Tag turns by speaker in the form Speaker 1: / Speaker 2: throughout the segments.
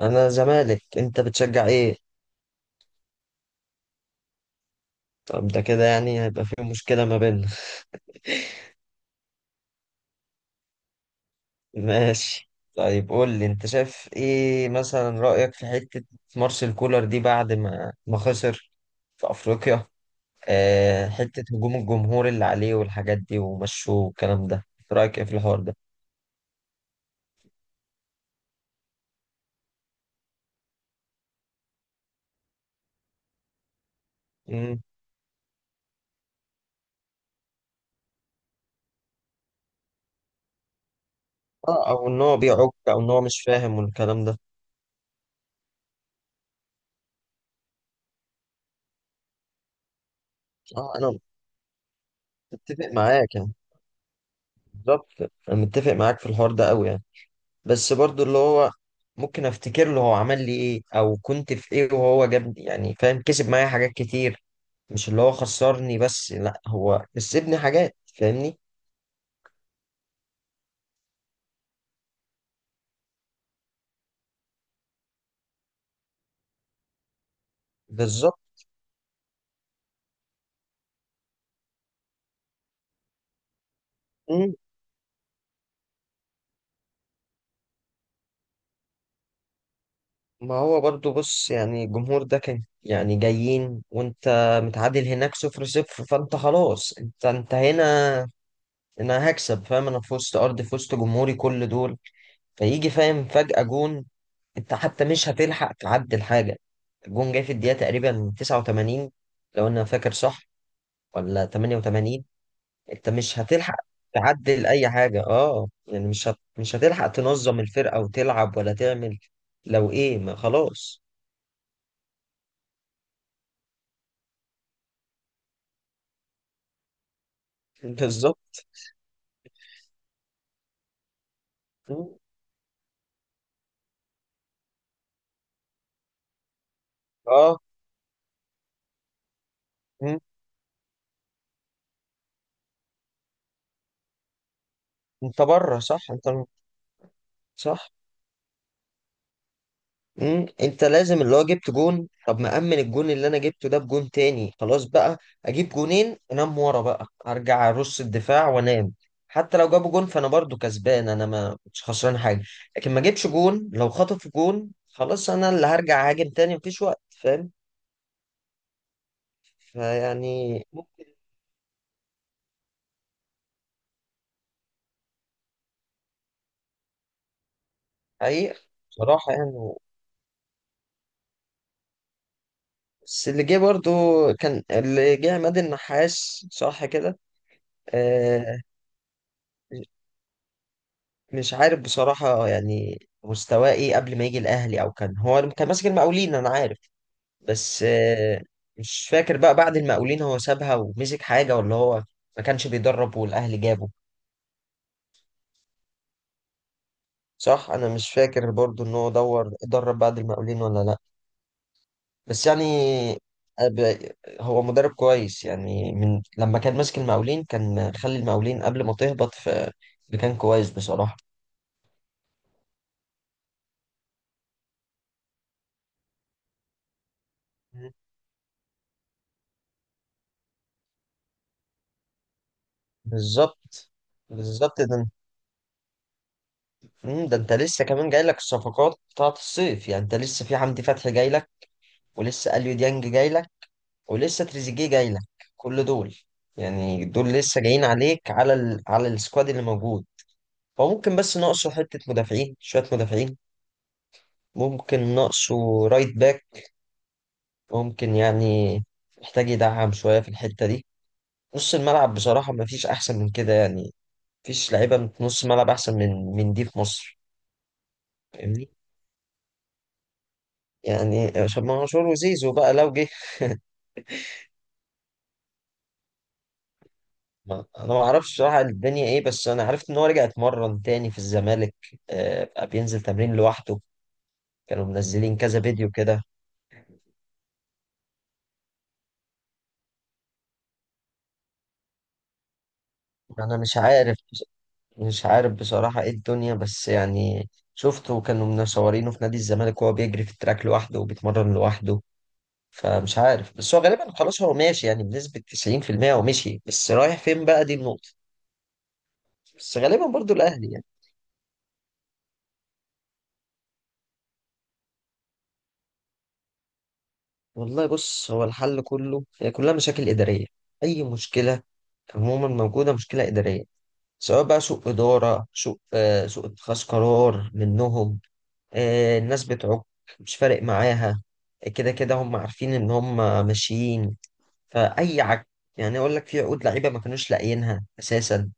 Speaker 1: انا زمالك. انت بتشجع ايه؟ طب ده كده يعني هيبقى في مشكلة ما بيننا. ماشي. طيب قول لي، انت شايف ايه مثلا؟ رأيك في حتة مارسيل كولر دي بعد ما خسر في افريقيا، حتة هجوم الجمهور اللي عليه والحاجات دي ومشوه والكلام ده، رأيك ايه في الحوار ده؟ مم. اه، او ان هو بيعك، او ان هو مش فاهم والكلام ده. اه، انا متفق معاك يعني، بالظبط. انا متفق معاك في الحوار ده قوي يعني. بس برضو اللي هو ممكن افتكر له هو عمل لي ايه، او كنت في ايه وهو جابني، يعني فاهم، كسب معايا حاجات كتير. مش اللي هو خسرني بس، لا هو كسبني حاجات، فاهمني؟ بالظبط. مم. ما هو برضو بص، يعني الجمهور ده كان يعني جايين وانت متعادل هناك 0-0، فانت خلاص، انت هنا انا هكسب، فاهم؟ انا في وسط ارضي، في وسط جمهوري، كل دول، فيجي فاهم، فجأة جون، انت حتى مش هتلحق تعدل حاجة. الجون جاي في الدقيقة تقريبا 89، لو انا فاكر صح، ولا 88. انت مش هتلحق تعدل اي حاجة. اه يعني مش هتلحق تنظم الفرقة وتلعب ولا تعمل، لو ايه ما خلاص. بالظبط، اه. مم. انت بره، صح؟ انت صح. مم، انت لازم اللي هو جبت جون، طب ما امن الجون اللي انا جبته ده بجون تاني خلاص بقى، اجيب جونين انام ورا بقى، ارجع ارص الدفاع وانام. حتى لو جابوا جون فانا برضو كسبان، انا ما مش خسران حاجه. لكن ما جبش جون، لو خطفوا جون خلاص، انا اللي هرجع هاجم تاني، مفيش وقت، فاهم؟ فيعني ممكن. حقيقة، بصراحه يعني، بس اللي جه برضو، كان اللي جه عماد النحاس، صح كده؟ آه. مش عارف بصراحة يعني مستواه ايه قبل ما يجي الأهلي، أو كان هو كان ماسك المقاولين أنا عارف، بس مش فاكر بقى بعد المقاولين هو سابها ومسك حاجة، ولا هو ما كانش بيدرب والأهلي جابه. صح، أنا مش فاكر برضو إن هو دور درب بعد المقاولين ولا لأ. بس يعني أب- هو مدرب كويس يعني، من لما كان ماسك المقاولين كان خلي المقاولين قبل ما تهبط في مكان كويس بصراحة. بالظبط. بالظبط ده. ده انت لسه كمان جاي لك الصفقات بتاعت الصيف، يعني انت لسه في حمدي فتحي جاي لك، ولسه اليو ديانج جاي لك، ولسه تريزيجيه جاي لك، كل دول، يعني دول لسه جايين عليك، على السكواد اللي موجود. هو ممكن بس ناقصه حتة مدافعين، شوية مدافعين، ممكن ناقصه رايت باك، ممكن، يعني محتاج يدعم شوية في الحتة دي. نص الملعب بصراحة مفيش أحسن من كده يعني، مفيش لعيبة نص ملعب أحسن من دي في مصر. فاهمني؟ يعني عشان منصور وزيزو بقى لو جه. ما انا ما اعرفش صراحه الدنيا ايه، بس انا عرفت ان هو رجع اتمرن تاني في الزمالك، بقى بينزل تمرين لوحده، كانوا منزلين كذا فيديو كده. انا مش عارف، مش عارف بصراحه ايه الدنيا، بس يعني شفته كانوا منشورينه في نادي الزمالك وهو بيجري في التراك لوحده وبيتمرن لوحده. فمش عارف، بس هو غالبا خلاص هو ماشي، يعني بنسبه 90% هو مشي، بس رايح فين بقى، دي النقطه. بس غالبا برضو الاهلي. والله بص، هو الحل كله، هي كلها مشاكل إدارية. أي مشكلة عموما موجودة مشكلة إدارية، سواء بقى سوء إدارة، سوء سوء اتخاذ قرار منهم. آه، الناس بتعك، مش فارق معاها، كده كده هم عارفين إن هم ماشيين. فأي عك، يعني أقول لك، في عقود لعيبة ما كانوش لاقيينها أساسا،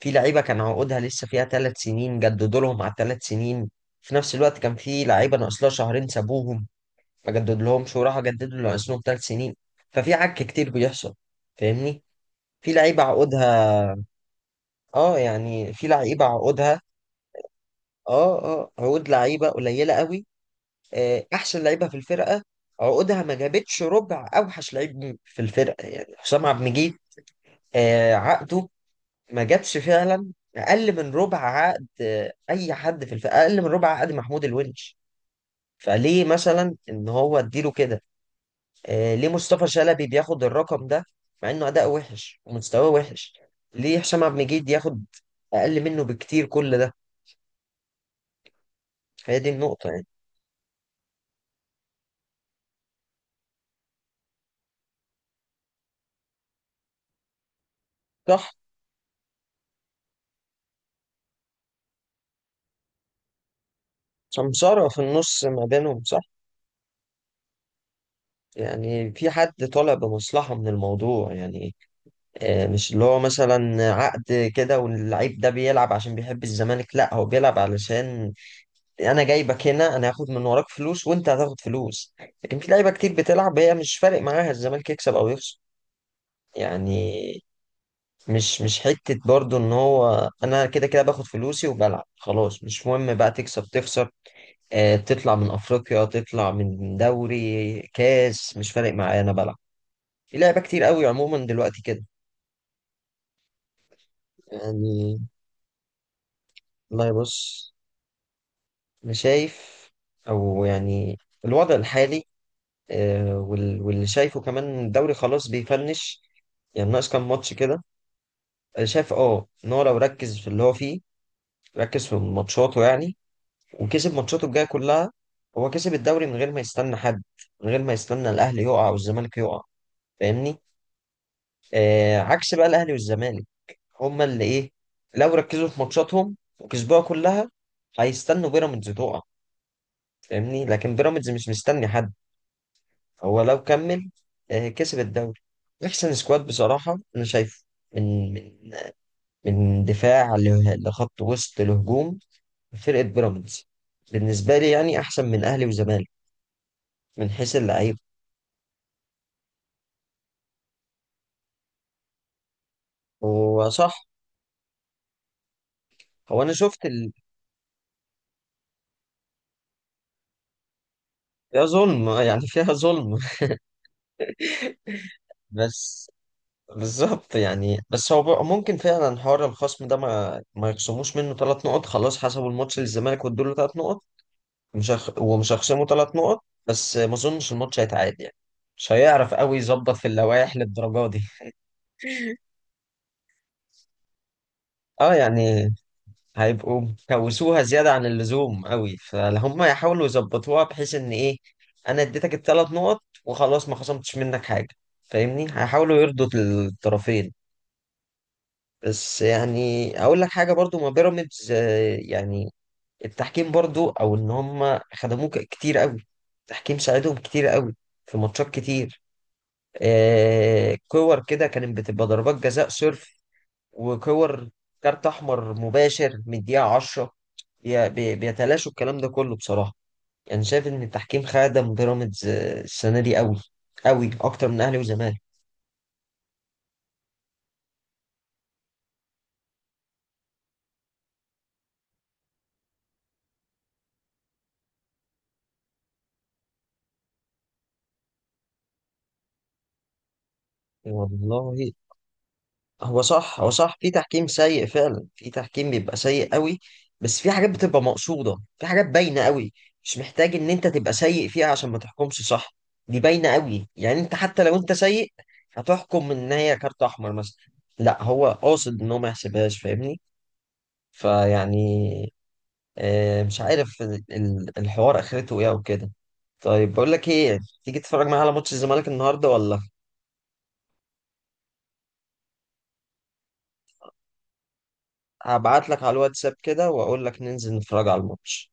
Speaker 1: في لعيبة كان عقودها لسه فيها 3 سنين، جددوا لهم على ال3 سنين، في نفس الوقت كان في لعيبة ناقص لها شهرين سابوهم، اجدد لهمش وراح اجدد له ناقصهم 3 سنين. ففي عك كتير بيحصل، فاهمني؟ في لعيبه عقودها، اه يعني في لعيبه عقودها، اه اه، عقود لعيبه قليله قوي، احسن لعيبه في الفرقه عقودها ما جابتش ربع اوحش لعيب في الفرقه، يعني حسام عبد المجيد عقده ما جابش فعلا اقل من ربع عقد اي حد في الفرقه، اقل من ربع عقد محمود الونش. فليه مثلا ان هو اديله كده؟ ليه مصطفى شلبي بياخد الرقم ده مع انه اداء وحش ومستواه وحش؟ ليه هشام عبد المجيد ياخد اقل منه بكتير؟ كل ده. هي دي النقطة يعني. صح. سمسارة في النص ما بينهم، صح؟ يعني في حد طالع بمصلحة من الموضوع يعني. مش اللي هو مثلا عقد كده واللعيب ده بيلعب عشان بيحب الزمالك، لا هو بيلعب علشان انا جايبك هنا، انا هاخد من وراك فلوس وانت هتاخد فلوس. لكن في لعيبة كتير بتلعب هي مش فارق معاها الزمالك يكسب او يخسر، يعني مش حتة برضو، ان هو انا كده كده باخد فلوسي وبلعب، خلاص مش مهم بقى تكسب تخسر، آه تطلع من افريقيا، تطلع من دوري كاس، مش فارق معايا، انا بلعب. في لعبة كتير قوي عموما دلوقتي كده. يعني والله بص، انا شايف او يعني، الوضع الحالي واللي شايفه كمان، الدوري خلاص بيفنش، يعني ناقص كام ماتش كده. انا شايف اه ان هو لو ركز في اللي هو فيه، ركز في ماتشاته يعني، وكسب ماتشاته الجايه كلها، هو كسب الدوري من غير ما يستنى حد، من غير ما يستنى الاهلي يقع والزمالك يقع. فاهمني؟ آه عكس بقى الاهلي والزمالك، هما اللي ايه، لو ركزوا في ماتشاتهم وكسبوها كلها، هيستنوا بيراميدز تقع. فاهمني؟ لكن بيراميدز مش مستني حد، هو لو كمل آه كسب الدوري. احسن سكواد بصراحه انا شايفه، من من دفاع لخط وسط لهجوم، فرقه بيراميدز بالنسبه لي يعني احسن من اهلي وزمالك من حيث اللعيبه. وصح. هو انا شفت فيها ظلم، يعني فيها ظلم. بس، بالظبط يعني. بس هو بقى ممكن فعلا حوار الخصم ده، ما يخصموش منه 3 نقط، خلاص حسبوا الماتش للزمالك وادوا له 3 نقط. مش هخ... ومش هيخصموا 3 نقط، بس ما اظنش الماتش هيتعاد يعني، مش هيعرف قوي يظبط في اللوائح للدرجه دي. اه يعني، هيبقوا كوسوها زيادة عن اللزوم قوي، فهم يحاولوا يظبطوها بحيث ان ايه، انا اديتك ال3 نقط وخلاص، ما خصمتش منك حاجة. فاهمني؟ هيحاولوا يرضوا الطرفين. بس يعني اقول لك حاجة برضو، ما بيراميدز يعني التحكيم برضو، او ان هم خدموه كتير قوي، التحكيم ساعدهم كتير قوي في ماتشات كتير، كور كده كانت بتبقى ضربات جزاء صرف، وكور كارت احمر مباشر من الدقيقه 10، بيتلاشوا الكلام ده كله بصراحه. يعني شايف ان التحكيم خادم بيراميدز السنه دي قوي، قوي اكتر من اهلي وزمالك. والله، هو صح، هو صح، في تحكيم سيء فعلا، في تحكيم بيبقى سيء قوي، بس في حاجات بتبقى مقصوده، في حاجات باينه قوي، مش محتاج ان انت تبقى سيء فيها عشان ما تحكمش صح، دي باينه قوي، يعني انت حتى لو انت سيء هتحكم ان هي كارت احمر مثلا، لا هو قاصد ان هو ما يحسبهاش. فاهمني؟ فيعني مش عارف الحوار اخرته ايه او كده. طيب، بقول لك ايه، تيجي تتفرج معايا على ماتش الزمالك النهارده ولا؟ هبعت لك على الواتساب كده واقول لك ننزل نتفرج على الماتش.